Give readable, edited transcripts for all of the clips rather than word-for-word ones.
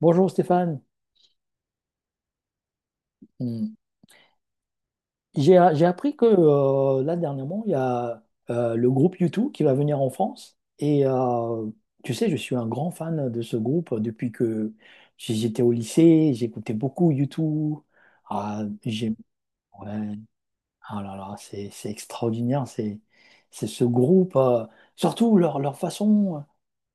Bonjour Stéphane. Hmm. J'ai appris que là dernièrement, il y a le groupe U2 qui va venir en France. Et tu sais, je suis un grand fan de ce groupe depuis que j'étais au lycée. J'écoutais beaucoup U2. Ah, j'ai... ouais. Ah là là, c'est extraordinaire. C'est ce groupe. Surtout leur façon,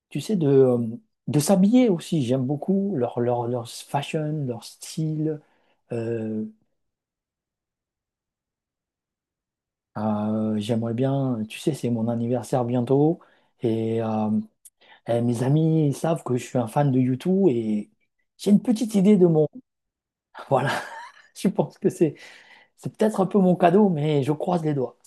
tu sais, de s'habiller aussi. J'aime beaucoup leur fashion, leur style. Euh, J'aimerais bien, tu sais, c'est mon anniversaire bientôt et, mes amis ils savent que je suis un fan de YouTube et j'ai une petite idée de mon... Voilà, je pense que c'est peut-être un peu mon cadeau, mais je croise les doigts.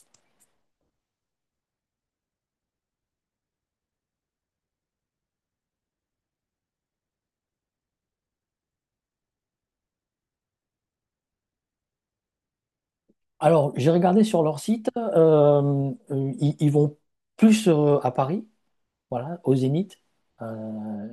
Alors, j'ai regardé sur leur site, ils vont plus à Paris, voilà, au Zénith. Euh,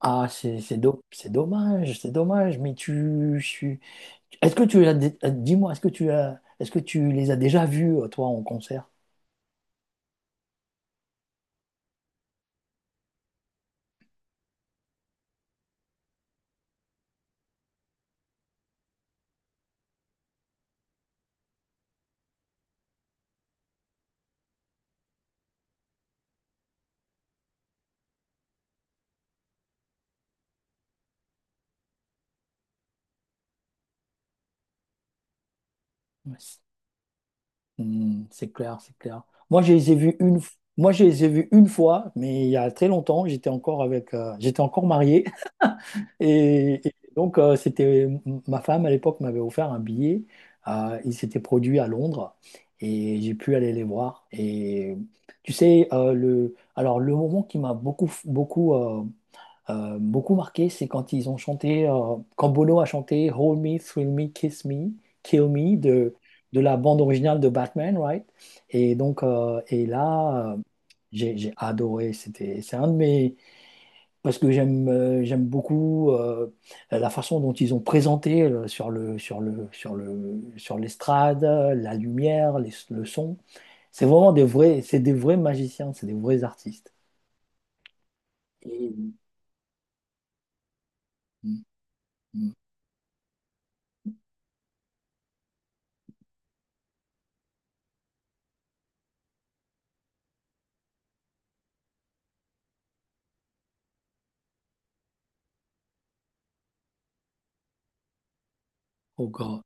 ah, c'est dommage, c'est dommage, mais tu, je suis- Est-ce que tu as Dis-moi, est-ce que tu les as déjà vus, toi, en concert? Ouais, c'est clair, c'est clair. Moi, je les ai vus une fois, mais il y a très longtemps, j'étais encore marié, et donc c'était ma femme à l'époque m'avait offert un billet. Il s'était produit à Londres, et j'ai pu aller les voir. Et tu sais, alors le moment qui m'a beaucoup, beaucoup beaucoup marqué, c'est quand ils ont chanté, quand Bono a chanté Hold Me, Thrill Me, Kiss Me, Kill Me de la bande originale de Batman, right? Et donc, et là, j'ai adoré. C'était, c'est un de mes. Parce que j'aime beaucoup la façon dont ils ont présenté sur l'estrade, la lumière, le son. C'est vraiment des vrais, c'est des vrais magiciens, c'est des vrais artistes. Et- Mm, mm. Oh God.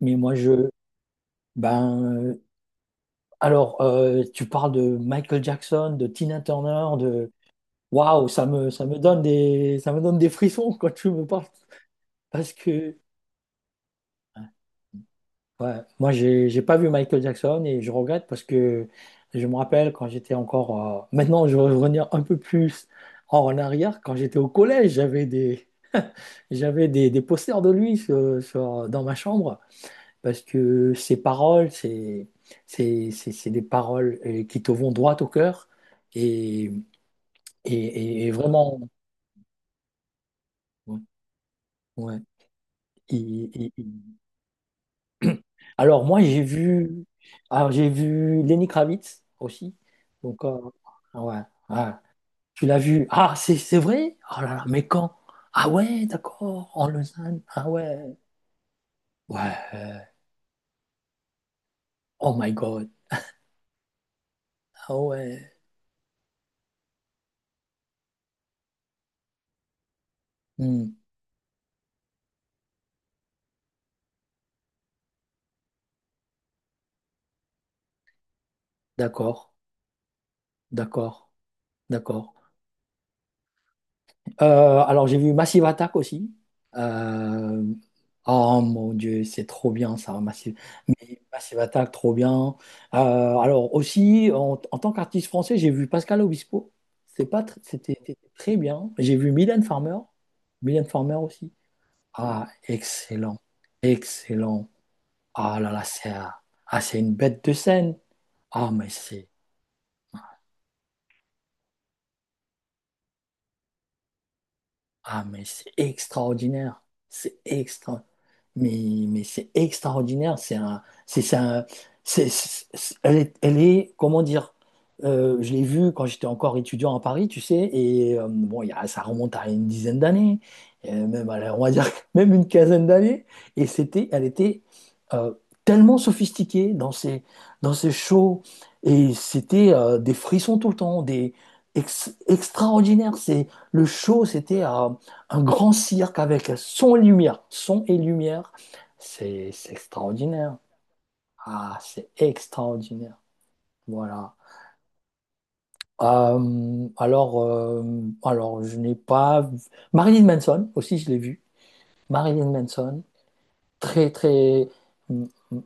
Mais moi, je, Ben, euh, alors, tu parles de Michael Jackson, de Tina Turner, de... Waouh, ça me donne des, ça me donne des frissons quand tu me parles. Parce que, ouais, moi, j'ai pas vu Michael Jackson et je regrette parce que je me rappelle quand j'étais encore... Maintenant je vais revenir un peu plus en arrière. Quand j'étais au collège, des posters de lui dans ma chambre. Parce que ces paroles, c'est des paroles qui te vont droit au cœur et, et, et vraiment. Ouais, ouais. Il- il- il- Alors moi j'ai vu Lenny Kravitz aussi. Donc ah ouais, ouais. Tu l'as vu? Ah c'est vrai? Oh là là, mais quand? Ah ouais, d'accord, en Lausanne. Ah ouais, ouais. Oh my God. Ah ouais. Hmm, d'accord, d'accord, d'accord. Alors, j'ai vu Massive Attack aussi. Euh, oh mon Dieu, c'est trop bien ça, Massive. Mais Massive Attack, trop bien. Alors, aussi, en tant qu'artiste français, j'ai vu Pascal Obispo. C'est pas tr- C'était très bien. J'ai vu Mylène Farmer. Mylène Farmer aussi. Ah, excellent. Excellent. Ah là là, c'est une bête de scène. Ah, mais c'est Ah, mais c'est extraordinaire. C'est extra. Mais, c'est extraordinaire. C'est un, c'est un- c'est- Elle est, comment dire, je l'ai vue quand j'étais encore étudiant à Paris, tu sais, et bon, ça remonte à une dizaine d'années, même, allez, on va dire même une quinzaine d'années, et c'était, elle était euh, tellement sophistiquée dans ses shows, et c'était des frissons tout le temps, des extraordinaires. Le show, c'était un grand cirque avec son et lumière. Son et lumière, c'est extraordinaire. Ah, c'est extraordinaire. Voilà. Euh, alors, euh, alors, je n'ai pas... vu- Marilyn Manson, aussi, je l'ai vu. Marilyn Manson, très, très... Mm, mm,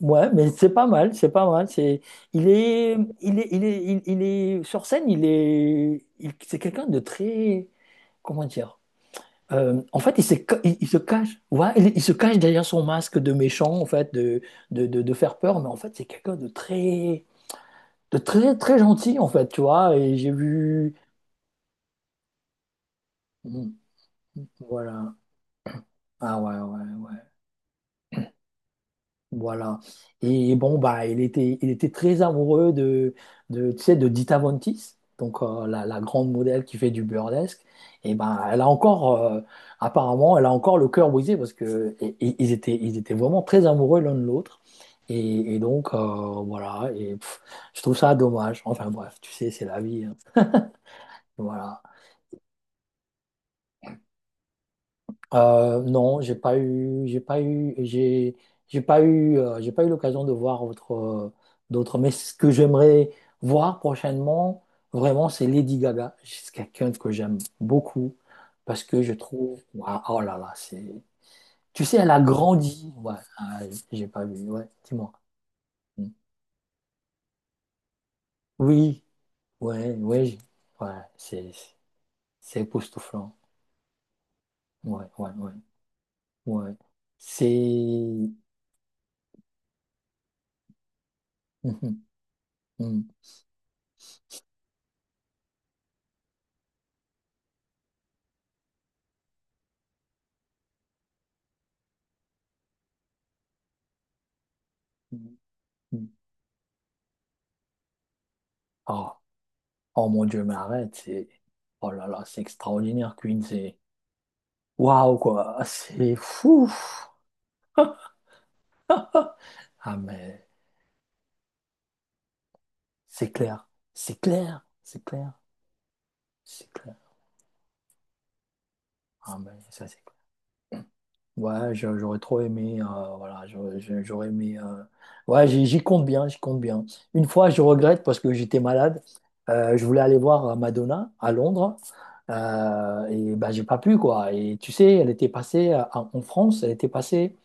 ouais, mais c'est pas mal, c'est pas mal. C'est, il est, il est, il est, il est sur scène, c'est quelqu'un de très, comment dire, En fait, il se cache, ouais, il se cache derrière son masque de méchant, en fait, de faire peur, mais en fait, c'est quelqu'un de très, très gentil, en fait, tu vois, et j'ai vu, Hmm, voilà, ah ouais, ouais, ouais. Voilà. Et bon, bah, il était très amoureux tu sais, de Dita Von Teese, donc la grande modèle qui fait du burlesque. Et ben, elle a encore, apparemment, elle a encore le cœur brisé parce que ils étaient vraiment très amoureux l'un de l'autre. Et, donc, voilà. Et pff, je trouve ça dommage. Enfin bref, tu sais, c'est la vie. Hein. Voilà. Non, j'ai pas eu l'occasion de voir d'autres. Mais ce que j'aimerais voir prochainement, vraiment, c'est Lady Gaga. C'est quelqu'un que j'aime beaucoup parce que je trouve, waouh, oh là là, tu sais, elle a grandi. Ouais, ah, j'ai pas vu. Ouais, dis-moi. Mm. Oui, ouais, ouais, ouais, c'est époustouflant. Ouais, ouais, ouais, ouais. C'est. Mhm, mhm, mhm. Oh. Oh mon Dieu, mais arrête, c'est... Oh là là, c'est extraordinaire, Queen, c'est... Waouh, quoi, c'est fou! Ah mais, c'est clair, c'est clair, c'est clair, c'est clair. Ah mais, ça c'est clair. Ouais, j'aurais trop aimé, voilà, j'aurais aimé. Ouais, j'y compte bien, j'y compte bien. Une fois, je regrette parce que j'étais malade. Je voulais aller voir Madonna à Londres, et bah j'ai pas pu, quoi. Et tu sais, elle était passée en France, elle était passée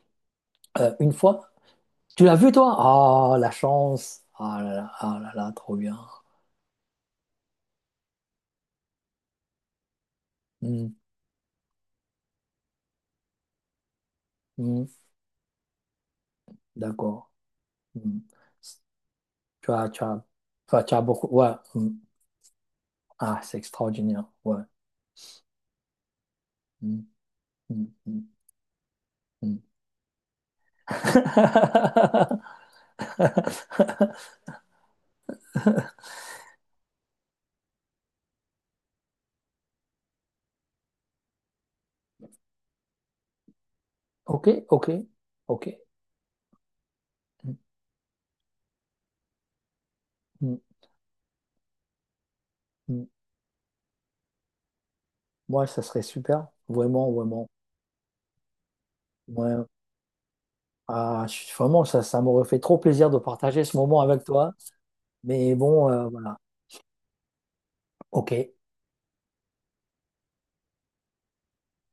une fois. Tu l'as vu, toi? Ah, la chance. Ah là là, ah là là, trop bien. Hmm, hmm, d'accord. Hmm. Tu as, tu as, tu as beaucoup. Ouais. Hmm. Ah, c'est extraordinaire. Ouais. Hmm, hmm, hmm, hmm. Ok, ok, ok. Mm, mm, mm. Moi, ça serait super, vraiment, vraiment. Ouais. Ah, vraiment, ça m'aurait fait trop plaisir de partager ce moment avec toi. Mais bon, voilà. Ok.